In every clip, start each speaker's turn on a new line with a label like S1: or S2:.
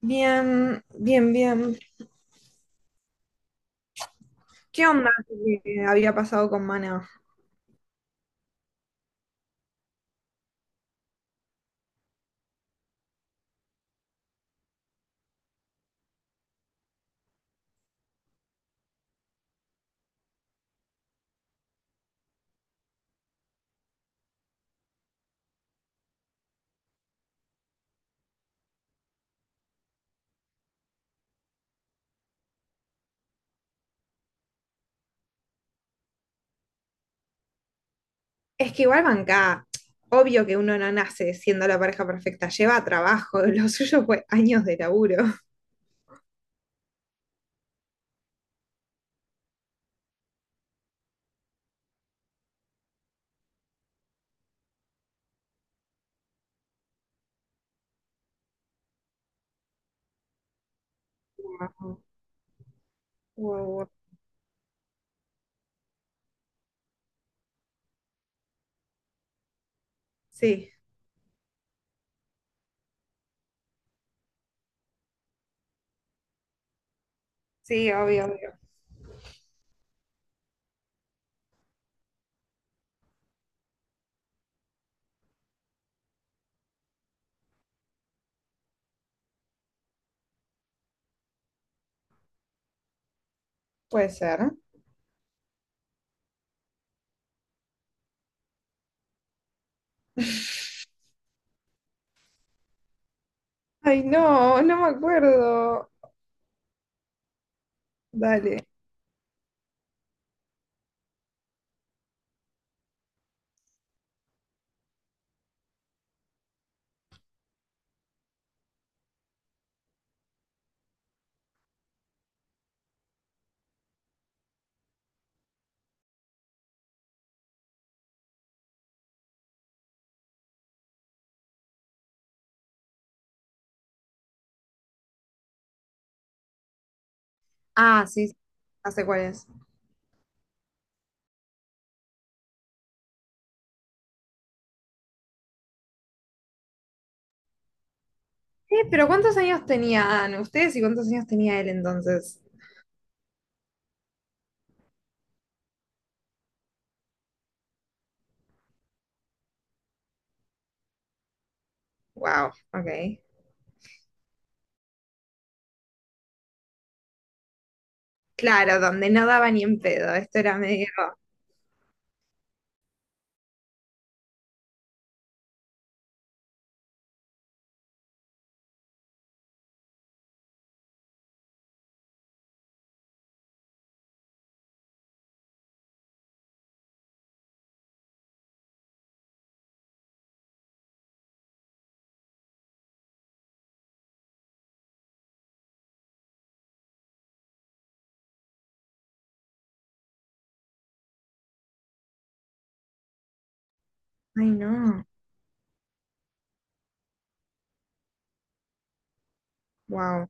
S1: Bien, bien, bien. ¿Qué onda que había pasado con Mana? Es que igual banca, obvio que uno no nace siendo la pareja perfecta, lleva trabajo, lo suyo fue años de laburo. Wow, wow, wow. Sí, sí, obvio, obvio. Puede ser. Ay, no, no me acuerdo. Dale. Ah, sí, sí, ya sé cuál es. Pero ¿cuántos años tenían ustedes y cuántos años tenía él entonces? Wow, ok. Claro, donde no daba ni en pedo, esto era medio... Ay, no. Wow.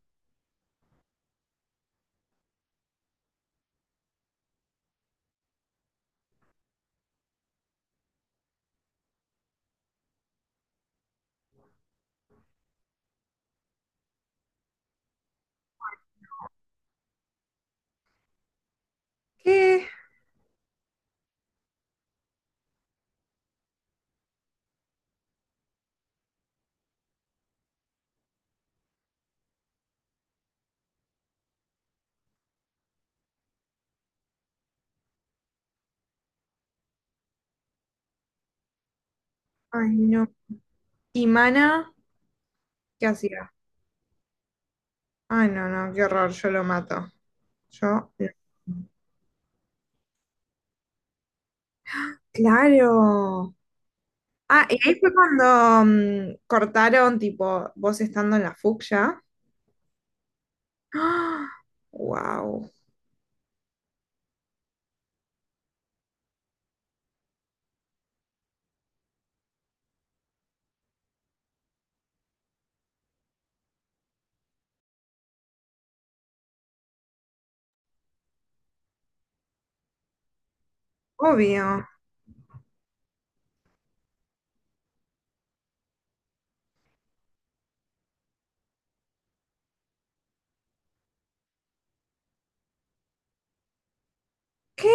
S1: ¿Qué? Ay, no. ¿Y Mana? ¿Qué hacía? Ay, no, no, qué horror, yo lo mato. Yo. Lo- Claro. Ah, y ahí fue cuando cortaron, tipo, vos estando en la fucsia. ¡Ah! Wow. Obvio. ¿Qué?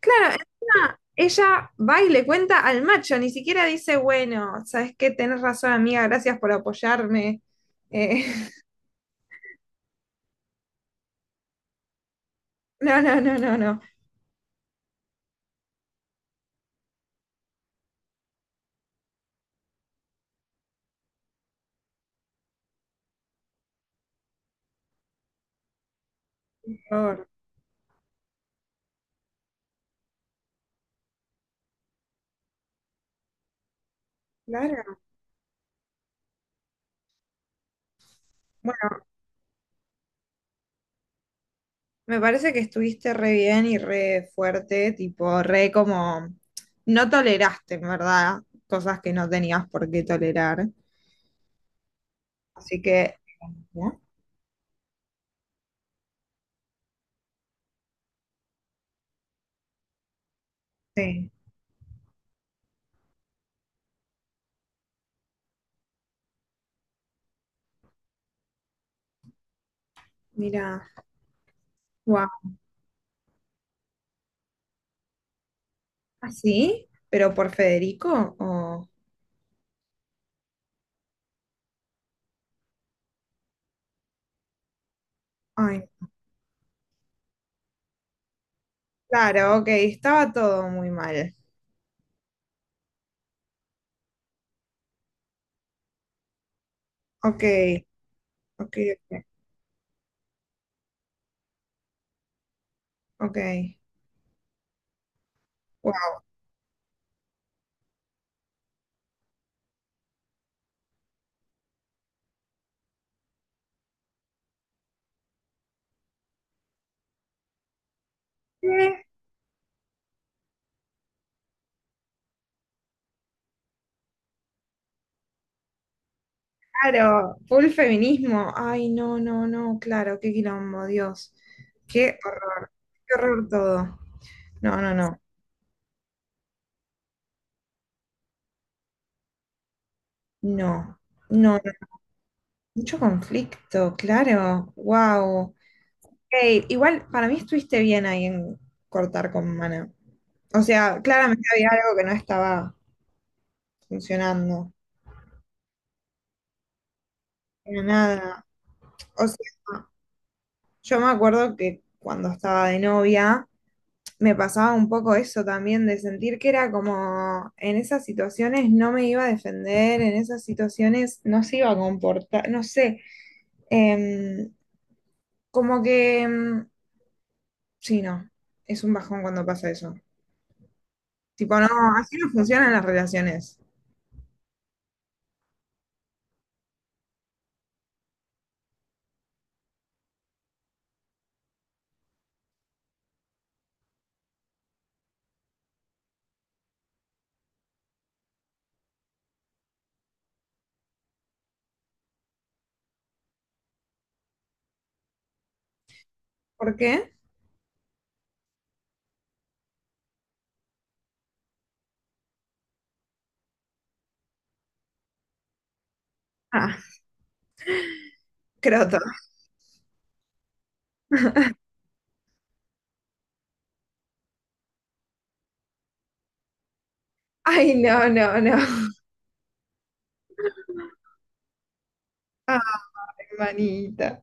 S1: Claro, encima ella va y le cuenta al macho, ni siquiera dice, bueno, ¿sabes qué? Tenés razón, amiga, gracias por apoyarme. Eh, no, no, no, no, no. Por- Claro. Bueno, me parece que estuviste re bien y re fuerte, tipo, re como, no toleraste, en verdad, cosas que no tenías por qué tolerar. Así que, ¿no? Sí, mira, wow. ¿Así? ¿Pero por Federico? O... Ay, claro, ok, estaba todo muy mal. Ok, ok, ok, ok. Wow. Claro, full feminismo. Ay, no, no, no, claro, qué quilombo, Dios. Qué horror, qué horror todo. No, no, no, no, no, no. Mucho conflicto, claro, wow. Igual para mí estuviste bien ahí en cortar con Mana. O sea, claramente había algo que no estaba funcionando, pero nada. O sea, yo me acuerdo que cuando estaba de novia, me pasaba un poco eso también, de sentir que era como en esas situaciones no me iba a defender, en esas situaciones no se iba a comportar, no sé, em, como que, em, sí, no, es un bajón cuando pasa eso. Tipo, no, así no funcionan las relaciones. ¿Por qué? Ah, croto. Ay, no, no, no. Ah, hermanita.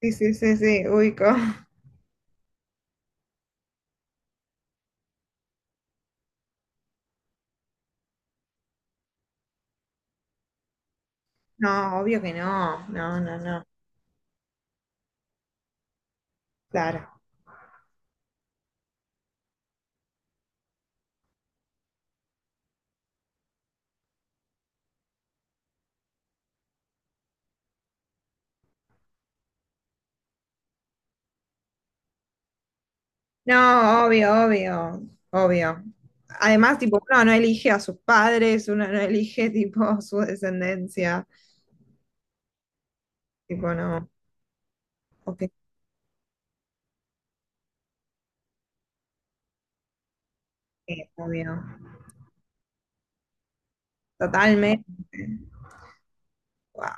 S1: Sí, sí, sí, sí, ubico. No, obvio que no, no, no, no, claro. No, obvio, obvio, obvio. Además, tipo, uno no elige a sus padres, uno no elige, tipo, su descendencia. Tipo, no. Ok, obvio. Totalmente. Wow.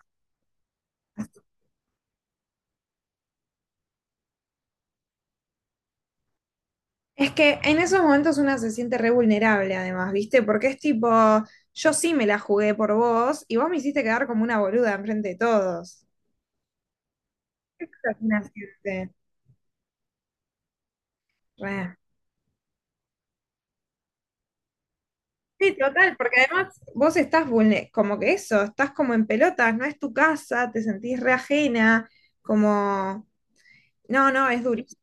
S1: Es que en esos momentos una se siente re vulnerable, además, ¿viste? Porque es tipo, yo sí me la jugué por vos y vos me hiciste quedar como una boluda enfrente de todos. ¿Qué es una siente? Re. Sí, total, porque además vos estás vulne- como que eso, estás como en pelotas, no es tu casa, te sentís re ajena, como, no, no, es durísimo.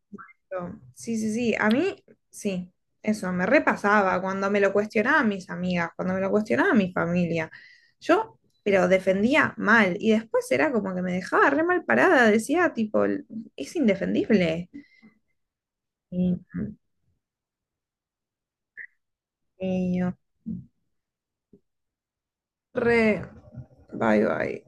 S1: Sí, sí, sí, a mí, sí, eso, me repasaba cuando me lo cuestionaban mis amigas, cuando me lo cuestionaba mi familia. Yo, pero defendía mal, y después era como que me dejaba re mal parada, decía, tipo, es indefendible. Y, y yo, re, bye, bye.